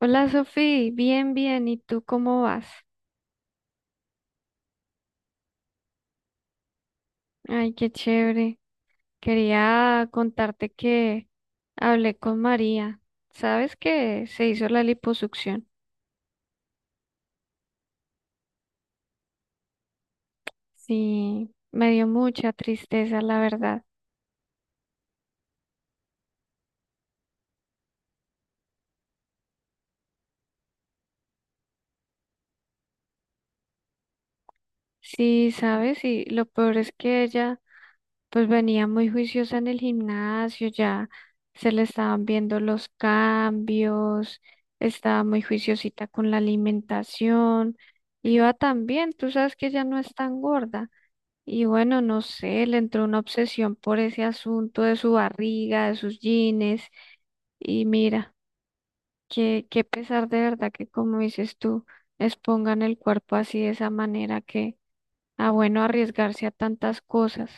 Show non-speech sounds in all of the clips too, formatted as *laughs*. Hola Sofi, bien, bien. ¿Y tú cómo vas? Ay, qué chévere. Quería contarte que hablé con María. ¿Sabes que se hizo la liposucción? Sí, me dio mucha tristeza, la verdad. Sí, sabes, y lo peor es que ella pues venía muy juiciosa en el gimnasio, ya se le estaban viendo los cambios, estaba muy juiciosita con la alimentación, iba tan bien, tú sabes que ella no es tan gorda. Y bueno, no sé, le entró una obsesión por ese asunto de su barriga, de sus jeans. Y mira, qué pesar de verdad que, como dices tú, expongan el cuerpo así de esa manera que, ah, bueno, arriesgarse a tantas cosas.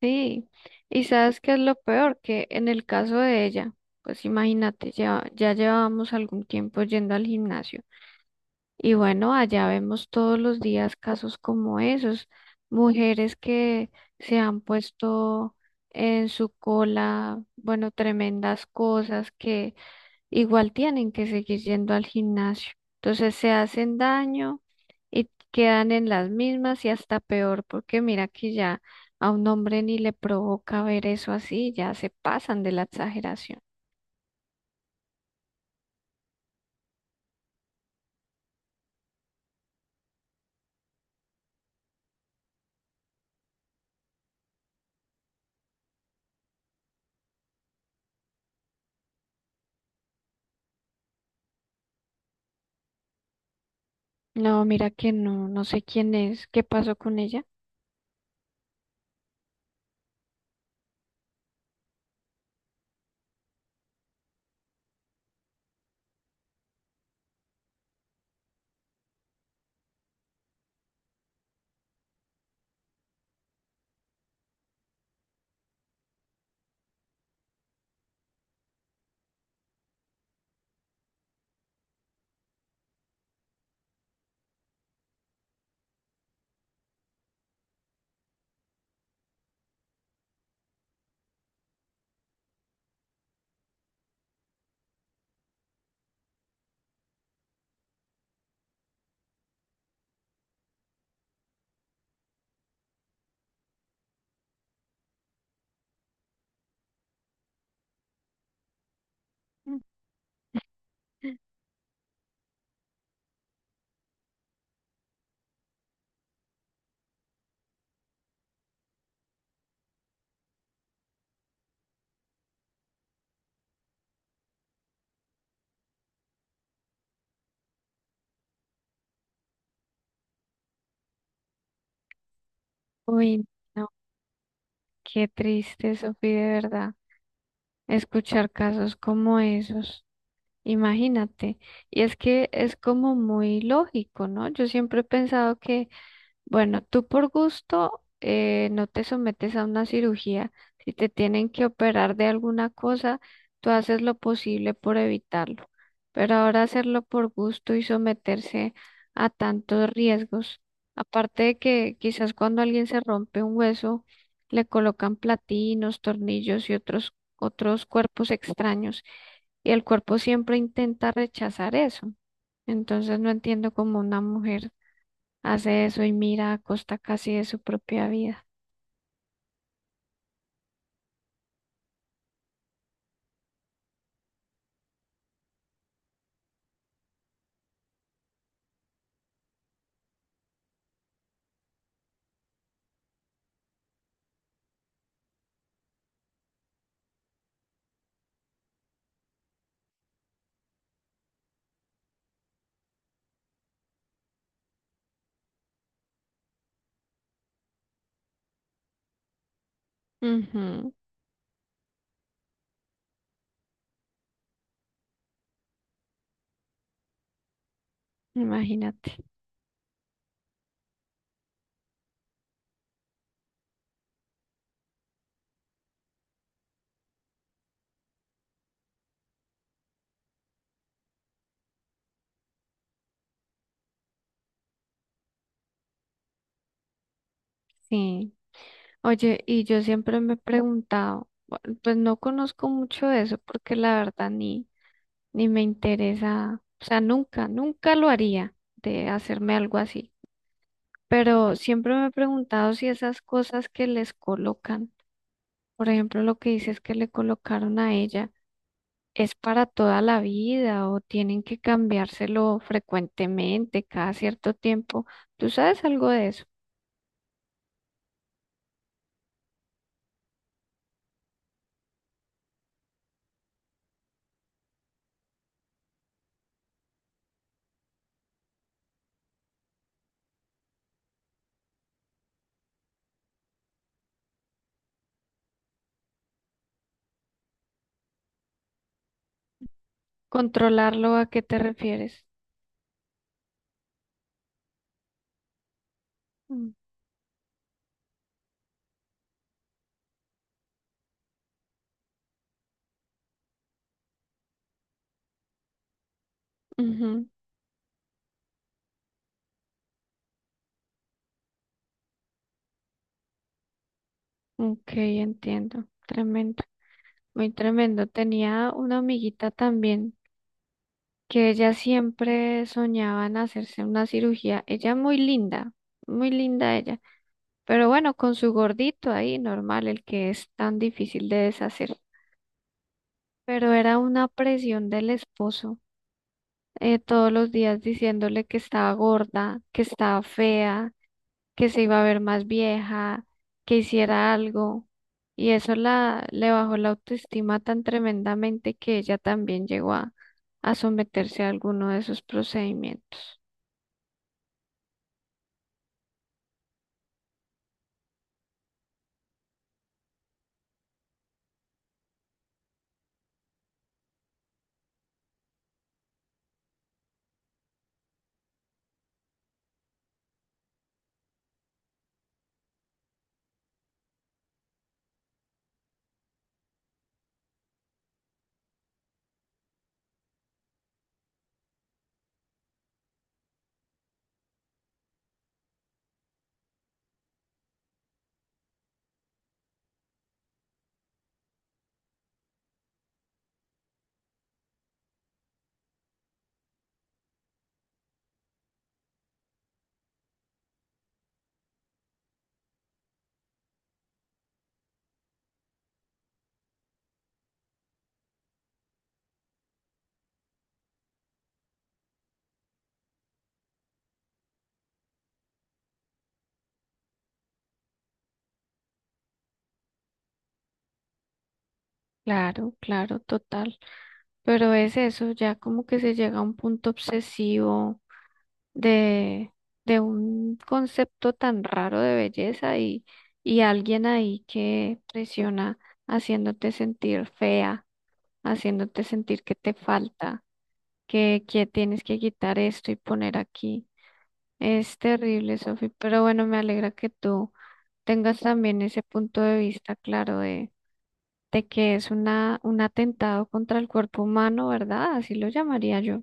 Sí, y sabes qué es lo peor, que en el caso de ella, pues imagínate, ya llevábamos algún tiempo yendo al gimnasio. Y bueno, allá vemos todos los días casos como esos, mujeres que se han puesto en su cola, bueno, tremendas cosas que igual tienen que seguir yendo al gimnasio. Entonces se hacen daño y quedan en las mismas y hasta peor, porque mira que ya a un hombre ni le provoca ver eso así, ya se pasan de la exageración. No, mira que no, no sé quién es, qué pasó con ella. *laughs* Uy, no. Qué triste, Sofi, de verdad, escuchar casos como esos. Imagínate. Y es que es como muy lógico, ¿no? Yo siempre he pensado que bueno, tú por gusto no te sometes a una cirugía. Si te tienen que operar de alguna cosa, tú haces lo posible por evitarlo. Pero ahora hacerlo por gusto y someterse a tantos riesgos, aparte de que quizás cuando alguien se rompe un hueso, le colocan platinos, tornillos y otros cuerpos extraños, y el cuerpo siempre intenta rechazar eso. Entonces no entiendo cómo una mujer hace eso y mira a costa casi de su propia vida. Ujú, imagínate. Sí. Oye, y yo siempre me he preguntado, pues no conozco mucho de eso porque la verdad ni me interesa, o sea, nunca lo haría de hacerme algo así. Pero siempre me he preguntado si esas cosas que les colocan, por ejemplo, lo que dices que le colocaron a ella. ¿Es para toda la vida o tienen que cambiárselo frecuentemente, cada cierto tiempo? ¿Tú sabes algo de eso? ¿Controlarlo a qué te refieres? Mm, ujú. Ok, entiendo. Tremendo, muy tremendo. Tenía una amiguita también que ella siempre soñaba en hacerse una cirugía. Ella muy linda ella. Pero bueno, con su gordito ahí, normal, el que es tan difícil de deshacer. Pero era una presión del esposo. Todos los días diciéndole que estaba gorda, que estaba fea, que se iba a ver más vieja, que hiciera algo. Y eso le bajó la autoestima tan tremendamente que ella también llegó a someterse a alguno de esos procedimientos. Claro, claro, total. Pero es eso, ya como que se llega a un punto obsesivo de, de un concepto tan raro de belleza y alguien ahí que presiona haciéndote sentir fea, haciéndote sentir que te falta, que tienes que quitar esto y poner aquí. Es terrible, Sofi, pero bueno, me alegra que tú tengas también ese punto de vista claro de que es una, un atentado contra el cuerpo humano, ¿verdad? Así lo llamaría yo.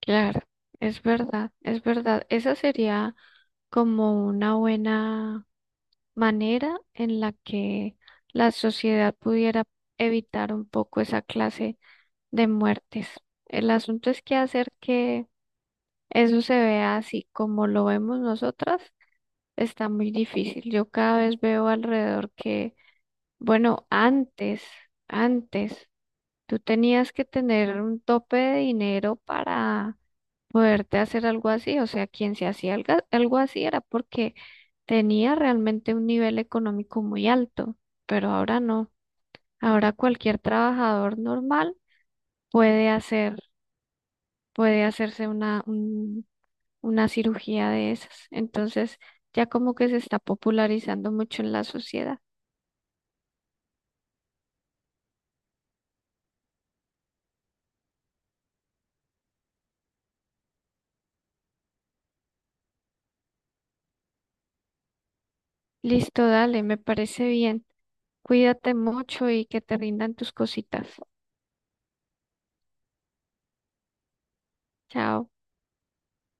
Claro, es verdad, es verdad. Esa sería como una buena manera en la que la sociedad pudiera evitar un poco esa clase de muertes. El asunto es que hacer que eso se vea así como lo vemos nosotras está muy difícil. Yo cada vez veo alrededor que, bueno, antes, tú tenías que tener un tope de dinero para poderte hacer algo así. O sea, quien se hacía algo algo así era porque tenía realmente un nivel económico muy alto, pero ahora no. Ahora cualquier trabajador normal puede hacer, puede hacerse una cirugía de esas. Entonces, ya como que se está popularizando mucho en la sociedad. Listo, dale, me parece bien. Cuídate mucho y que te rindan tus cositas. Chao.